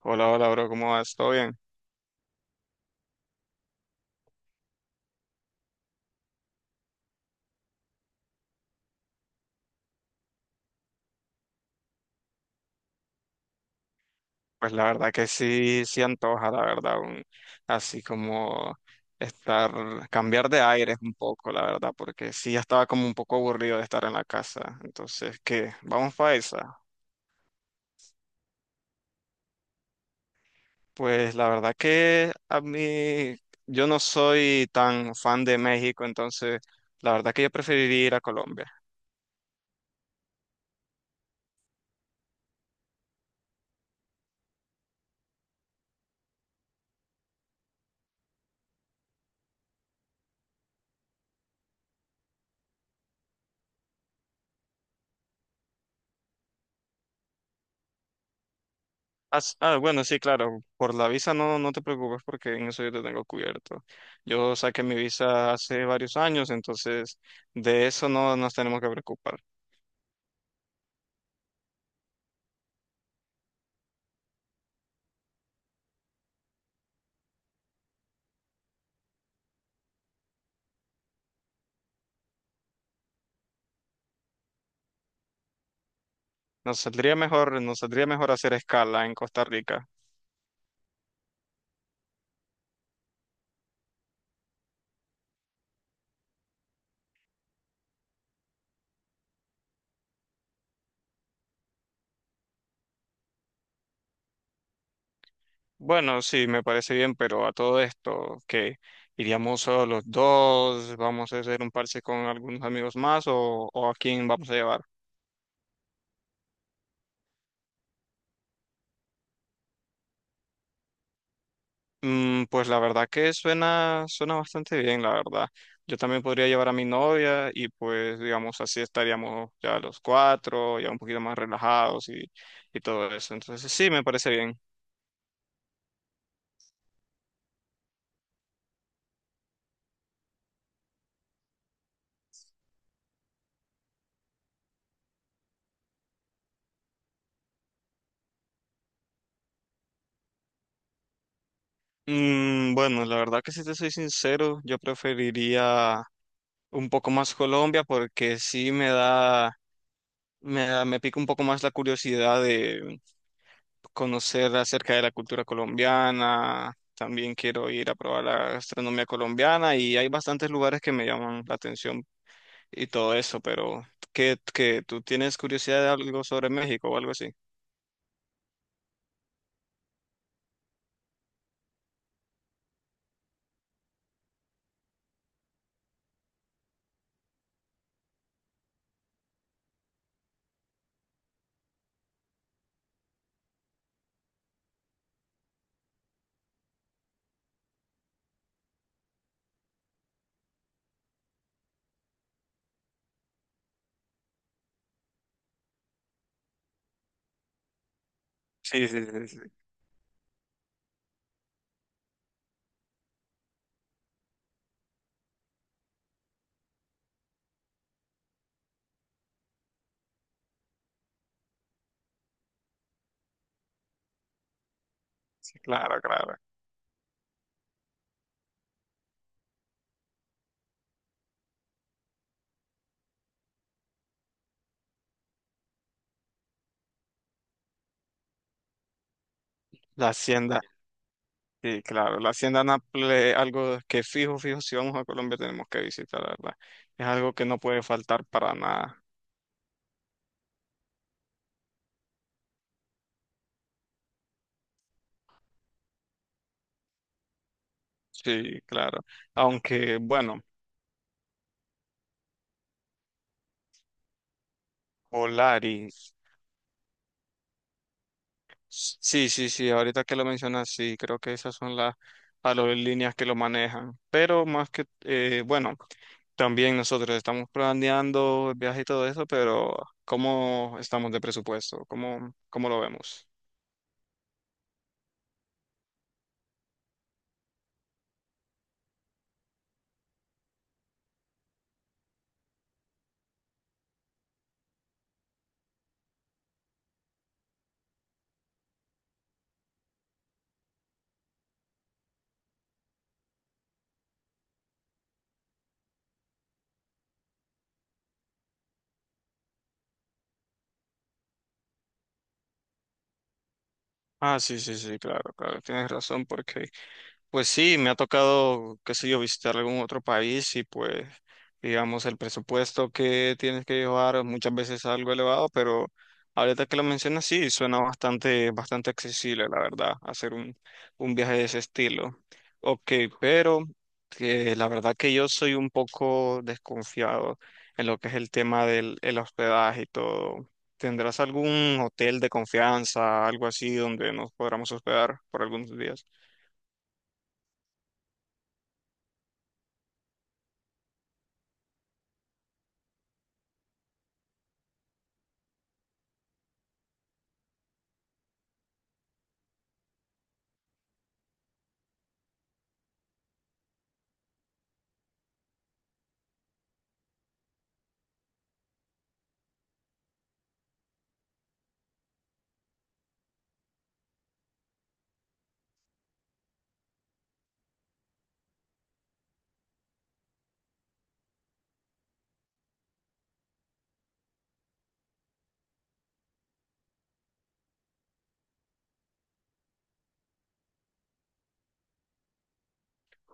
Hola, hola, bro, ¿cómo vas? ¿Todo bien? Pues la verdad que sí, sí antoja, la verdad, así como estar, cambiar de aires un poco, la verdad, porque sí ya estaba como un poco aburrido de estar en la casa. Entonces, ¿qué? ¿Vamos para esa? Pues la verdad que a mí, yo no soy tan fan de México, entonces la verdad que yo preferiría ir a Colombia. Ah, bueno, sí, claro. Por la visa no te preocupes porque en eso yo te tengo cubierto. Yo saqué mi visa hace varios años, entonces de eso no nos tenemos que preocupar. Nos saldría mejor hacer escala en Costa Rica. Bueno, sí, me parece bien, pero a todo esto, que iríamos solo los dos, vamos a hacer un parche con algunos amigos más o a quién vamos a llevar. Mm, pues la verdad que suena, suena bastante bien, la verdad. Yo también podría llevar a mi novia y pues digamos así estaríamos ya los cuatro, ya un poquito más relajados y todo eso. Entonces sí, me parece bien. Mm, bueno, la verdad que si te soy sincero, yo preferiría un poco más Colombia porque sí me da, me pica un poco más la curiosidad conocer acerca de la cultura colombiana, también quiero ir a probar la gastronomía colombiana y hay bastantes lugares que me llaman la atención y todo eso, pero ¿qué, tú tienes curiosidad de algo sobre México o algo así? Sí, sí, sí, sí, sí, claro, claro. La hacienda, sí, claro, la hacienda Nápoles, es algo que fijo, fijo, si vamos a Colombia tenemos que visitar, la verdad. Es algo que no puede faltar para nada. Sí, claro. Aunque, bueno, Polari. Sí, sí, sí, ahorita que lo mencionas, sí, creo que esas son las aerolíneas que lo manejan. Pero más que, bueno, también nosotros estamos planeando el viaje y todo eso, pero ¿cómo estamos de presupuesto? ¿Cómo, cómo lo vemos? Ah, sí, sí, sí, claro, claro, tienes razón, porque pues sí, me ha tocado, qué sé yo, visitar algún otro país y pues, digamos, el presupuesto que tienes que llevar muchas veces es algo elevado, pero ahorita que lo mencionas, sí, suena bastante, bastante accesible, la verdad, hacer un viaje de ese estilo. Ok, pero que la verdad que yo soy un poco desconfiado en lo que es el tema del el hospedaje y todo. ¿Tendrás algún hotel de confianza, algo así, donde nos podamos hospedar por algunos días?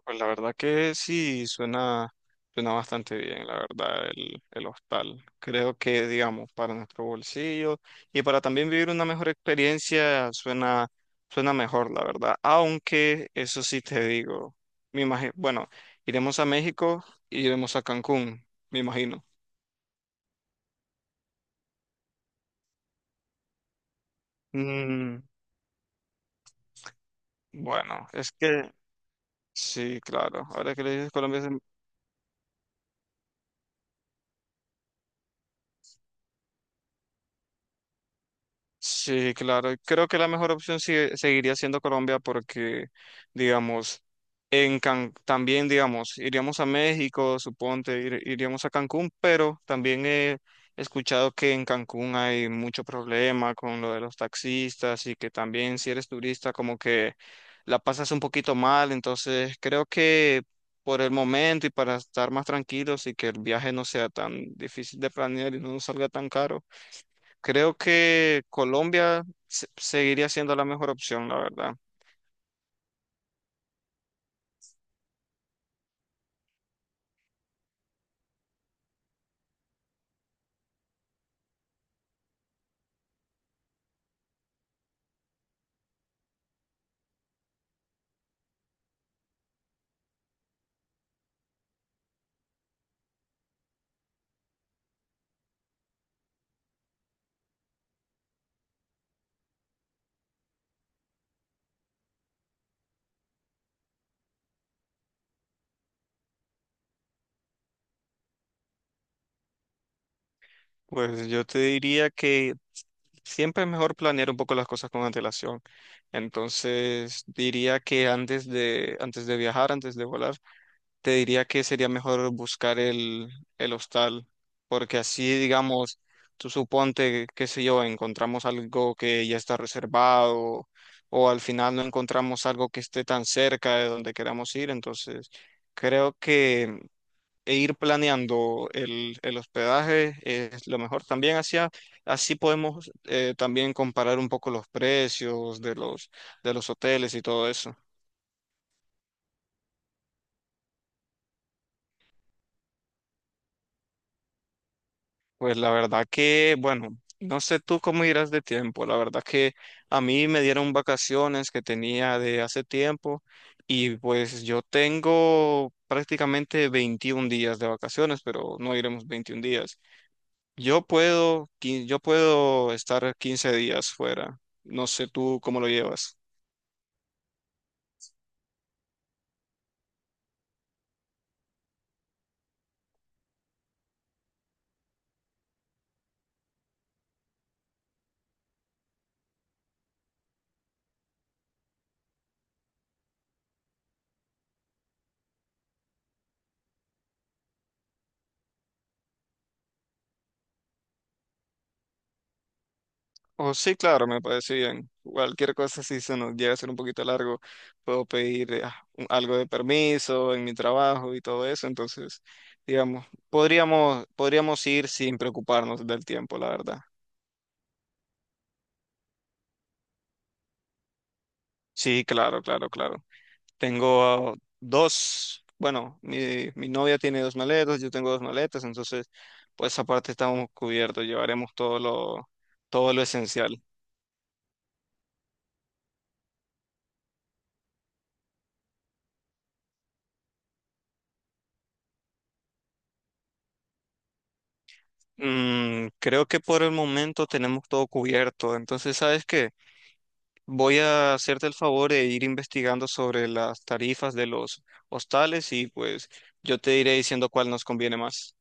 Pues la verdad que sí, suena, suena bastante bien, la verdad, el hostal. Creo que, digamos, para nuestro bolsillo y para también vivir una mejor experiencia, suena, suena mejor, la verdad. Aunque, eso sí te digo, me imagino, bueno, iremos a México y iremos a Cancún, me imagino. Mm, bueno, es que sí, claro. Ahora que le dices Colombia, sí, claro. Creo que la mejor opción seguiría siendo Colombia porque, digamos, en también, digamos, iríamos a México, suponte, iríamos a Cancún, pero también he escuchado que en Cancún hay mucho problema con lo de los taxistas y que también si eres turista como que la pasas un poquito mal. Entonces, creo que por el momento y para estar más tranquilos y que el viaje no sea tan difícil de planear y no nos salga tan caro. Creo que Colombia seguiría siendo la mejor opción, la verdad. Pues yo te diría que siempre es mejor planear un poco las cosas con antelación. Entonces diría que antes de viajar, antes de volar, te diría que sería mejor buscar el hostal, porque así, digamos, tú suponte, qué sé yo, encontramos algo que ya está reservado o al final no encontramos algo que esté tan cerca de donde queramos ir, entonces creo que e ir planeando el hospedaje es lo mejor. También hacia, así podemos también comparar un poco los precios de de los hoteles y todo eso. Pues la verdad que, bueno, no sé tú cómo irás de tiempo. La verdad que a mí me dieron vacaciones que tenía de hace tiempo y pues yo tengo prácticamente 21 días de vacaciones, pero no iremos 21 días. Yo puedo, yo puedo estar 15 días fuera. No sé tú cómo lo llevas. Oh, sí, claro, me parece bien. Cualquier cosa, si se nos llega a ser un poquito largo, puedo pedir algo de permiso en mi trabajo y todo eso. Entonces, digamos, podríamos, podríamos ir sin preocuparnos del tiempo, la verdad. Sí, claro, claro, claro. Tengo ah, dos, bueno, mi novia tiene dos maletas, yo tengo dos maletas, entonces, pues aparte estamos cubiertos, llevaremos todo lo esencial. Mm, creo que por el momento tenemos todo cubierto. Entonces, ¿sabes qué? Voy a hacerte el favor de ir investigando sobre las tarifas de los hostales y pues yo te iré diciendo cuál nos conviene más.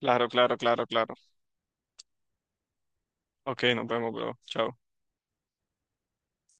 Claro, claro, claro, claro. Ok, nos vemos, bro. Chao.